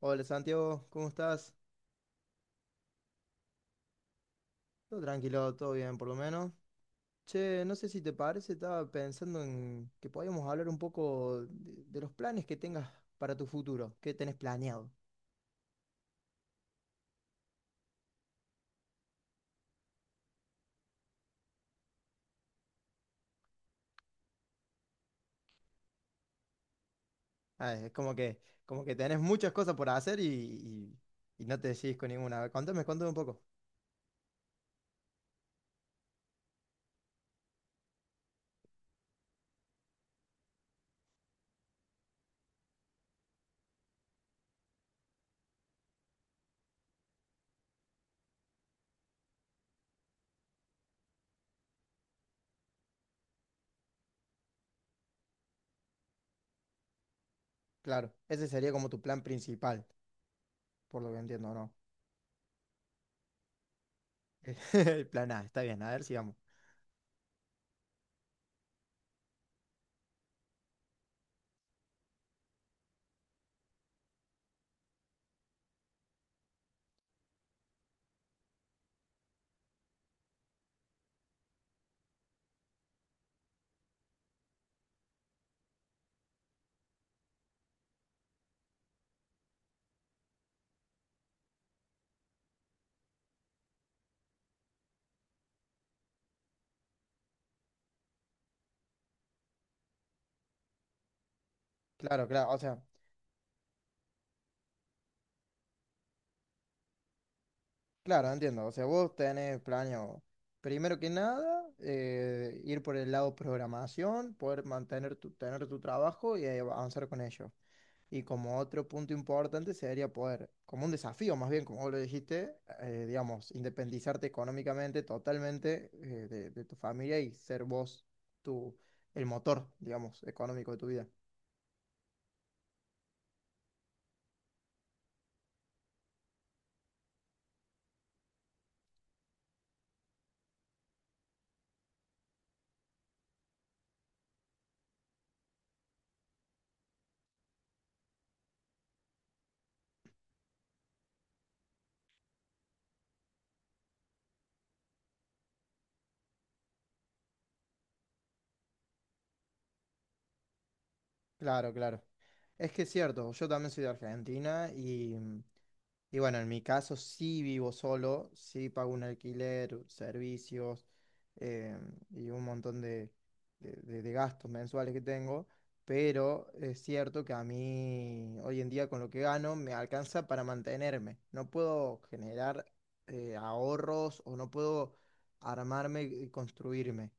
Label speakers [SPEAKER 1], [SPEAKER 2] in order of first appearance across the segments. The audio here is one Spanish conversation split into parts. [SPEAKER 1] Hola Santiago, ¿cómo estás? Todo tranquilo, todo bien por lo menos. Che, no sé si te parece, estaba pensando en que podíamos hablar un poco de los planes que tengas para tu futuro, qué tenés planeado. Ah, es como que tenés muchas cosas por hacer y no te decidís con ninguna. A ver, contame, contame un poco. Claro, ese sería como tu plan principal, por lo que entiendo, ¿no? El plan A, está bien, a ver, sigamos. Claro, claro, o sea. Claro, entiendo. O sea, vos tenés planeado, primero que nada, ir por el lado programación, poder mantener tu, tener tu trabajo y avanzar con ello. Y como otro punto importante sería poder, como un desafío más bien, como vos lo dijiste, digamos, independizarte económicamente totalmente de tu familia y ser vos tu, el motor, digamos, económico de tu vida. Claro, claro. Es que es cierto, yo también soy de Argentina y, y bueno, en mi caso sí vivo solo, sí pago un alquiler, servicios eh, y un montón de gastos mensuales que tengo, pero es cierto que a mí hoy en día con lo que gano me alcanza para mantenerme. No puedo generar ahorros o no puedo armarme y construirme.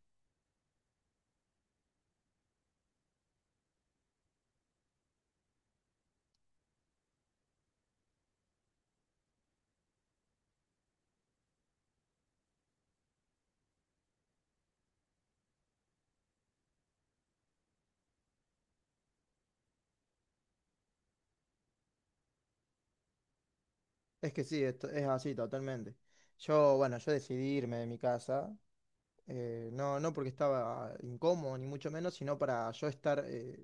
[SPEAKER 1] Es que sí, es así totalmente. Yo, bueno, yo decidí irme de mi casa, no, no porque estaba incómodo, ni mucho menos, sino para yo estar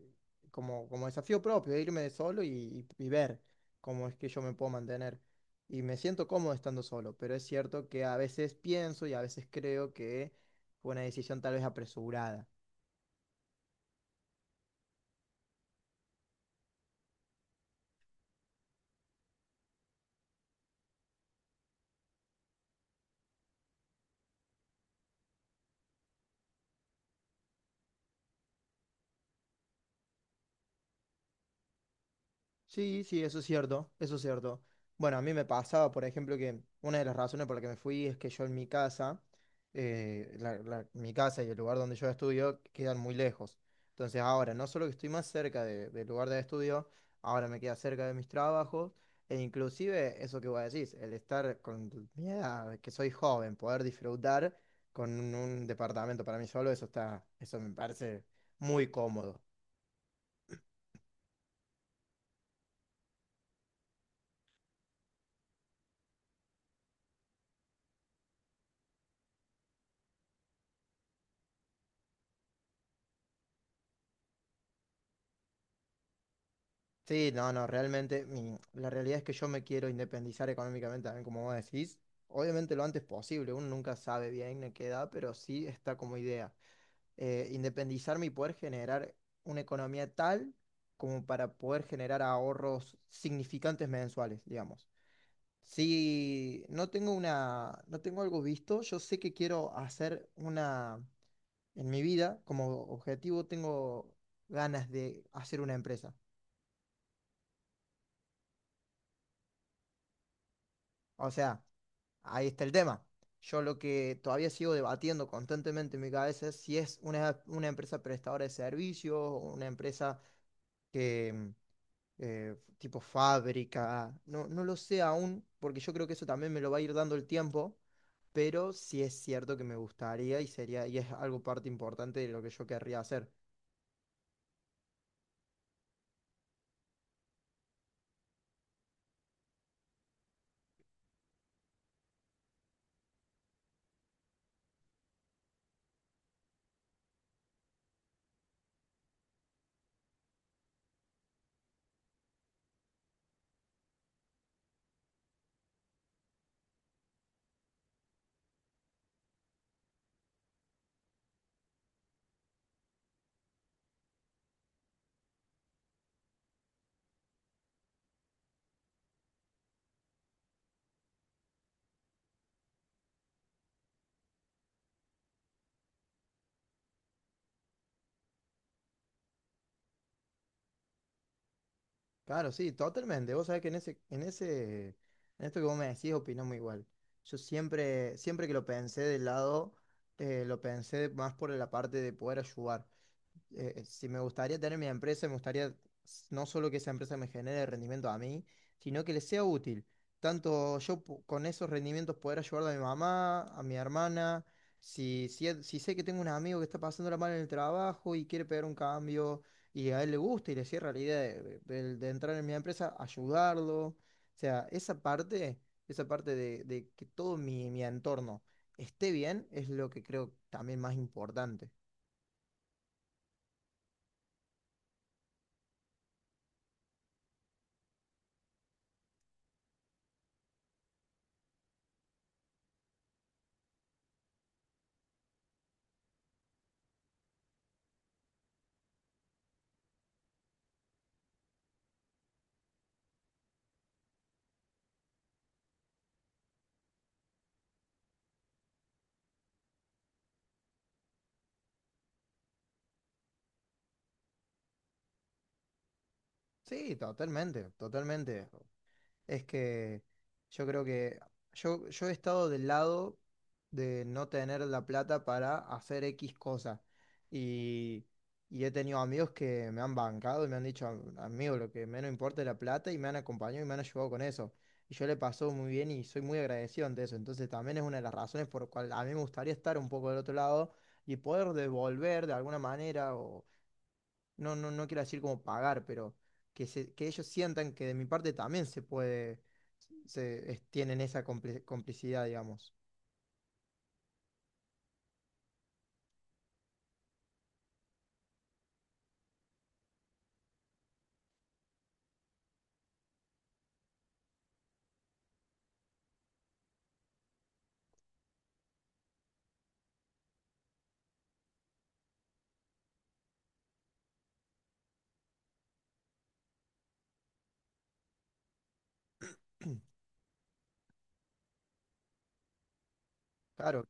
[SPEAKER 1] como, como desafío propio, de irme de solo y ver cómo es que yo me puedo mantener. Y me siento cómodo estando solo, pero es cierto que a veces pienso y a veces creo que fue una decisión tal vez apresurada. Sí, sí, eso es cierto, eso es cierto. Bueno, a mí me pasaba, por ejemplo, que una de las razones por la que me fui es que yo en mi casa, mi casa y el lugar donde yo estudio quedan muy lejos. Entonces ahora, no solo que estoy más cerca del lugar de estudio, ahora me queda cerca de mis trabajos, e inclusive eso que vos decís, el estar con mi edad, que soy joven, poder disfrutar con un departamento para mí solo, eso está, eso me parece muy cómodo. Sí, no, no, realmente la realidad es que yo me quiero independizar económicamente también, como vos decís. Obviamente lo antes posible, uno nunca sabe bien en qué edad, pero sí está como idea. Independizarme y poder generar una economía tal como para poder generar ahorros significantes mensuales, digamos. Si no tengo una, no tengo algo visto, yo sé que quiero hacer una, en mi vida, como objetivo tengo ganas de hacer una empresa. O sea, ahí está el tema. Yo lo que todavía sigo debatiendo constantemente en mi cabeza es si es una empresa prestadora de servicios o una empresa que tipo fábrica. No, no lo sé aún, porque yo creo que eso también me lo va a ir dando el tiempo, pero sí es cierto que me gustaría y sería, y es algo parte importante de lo que yo querría hacer. Claro, sí, totalmente. Vos sabés que en ese, en ese, en esto que vos me decís, opinamos igual. Yo siempre, siempre que lo pensé del lado, lo pensé más por la parte de poder ayudar. Si me gustaría tener mi empresa, me gustaría no solo que esa empresa me genere rendimiento a mí, sino que le sea útil. Tanto yo con esos rendimientos poder ayudar a mi mamá, a mi hermana, si, si sé que tengo un amigo que está pasándola mal en el trabajo y quiere pegar un cambio y a él le gusta y le cierra la idea de entrar en mi empresa, ayudarlo. O sea, esa parte de que todo mi, mi entorno esté bien es lo que creo también más importante. Sí, totalmente, totalmente. Es que yo creo que yo he estado del lado de no tener la plata para hacer X cosa. Y, y he tenido amigos que me han bancado y me han dicho, amigo, lo que menos importa es la plata y me han acompañado y me han ayudado con eso. Y yo le pasó muy bien y soy muy agradecido ante eso. Entonces también es una de las razones por la cual a mí me gustaría estar un poco del otro lado y poder devolver de alguna manera o no, no, no quiero decir como pagar, pero que, que ellos sientan que de mi parte también se puede, tienen esa complicidad, digamos. Claro,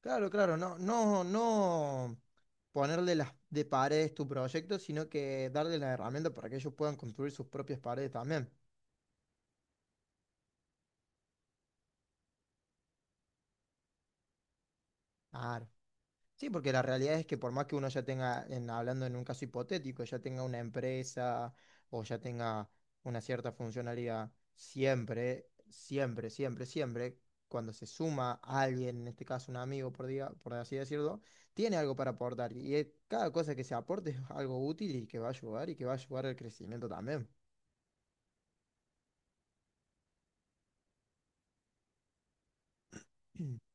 [SPEAKER 1] claro, claro, no, no, no ponerle las de paredes tu proyecto, sino que darle la herramienta para que ellos puedan construir sus propias paredes también. Claro. Sí, porque la realidad es que por más que uno ya tenga, hablando en un caso hipotético, ya tenga una empresa o ya tenga una cierta funcionalidad, siempre, siempre, siempre, siempre, cuando se suma alguien, en este caso un amigo, por, por así decirlo, tiene algo para aportar. Y cada cosa que se aporte es algo útil y que va a ayudar y que va a ayudar al crecimiento también.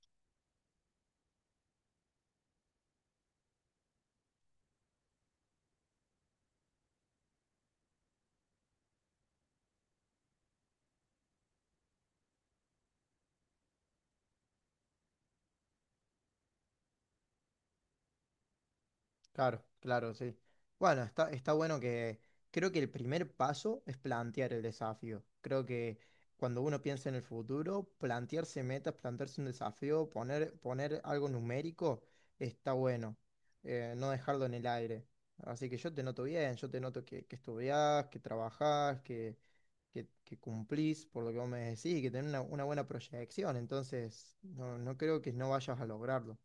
[SPEAKER 1] Claro, claro, sí. Bueno, está, está bueno que creo que el primer paso es plantear el desafío. Creo que cuando uno piensa en el futuro, plantearse metas, plantearse un desafío, poner, poner algo numérico, está bueno. No dejarlo en el aire. Así que yo te noto bien, yo te noto que estudiás, que trabajás, que cumplís por lo que vos me decís y que tenés una buena proyección. Entonces, no, no creo que no vayas a lograrlo.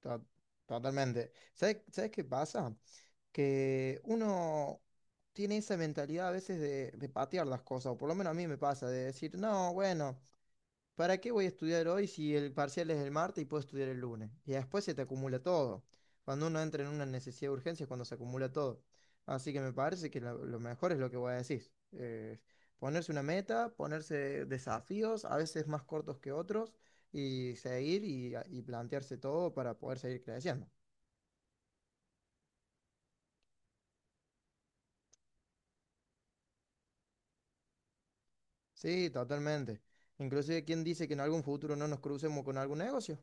[SPEAKER 1] To- Totalmente. ¿Sabes, sabes qué pasa? Que uno tiene esa mentalidad a veces de patear las cosas, o por lo menos a mí me pasa, de decir, no, bueno. ¿Para qué voy a estudiar hoy si el parcial es el martes y puedo estudiar el lunes? Y después se te acumula todo. Cuando uno entra en una necesidad de urgencia es cuando se acumula todo. Así que me parece que lo mejor es lo que vos decís. Ponerse una meta, ponerse desafíos, a veces más cortos que otros, seguir y plantearse todo para poder seguir creciendo. Sí, totalmente. Inclusive, ¿quién dice que en algún futuro no nos crucemos con algún negocio?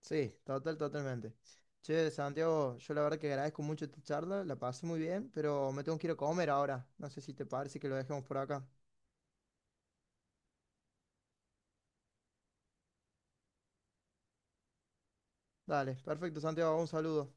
[SPEAKER 1] Sí, total, totalmente. Che, Santiago, yo la verdad que agradezco mucho esta charla, la pasé muy bien, pero me tengo que ir a comer ahora. No sé si te parece que lo dejemos por acá. Dale, perfecto, Santiago, un saludo.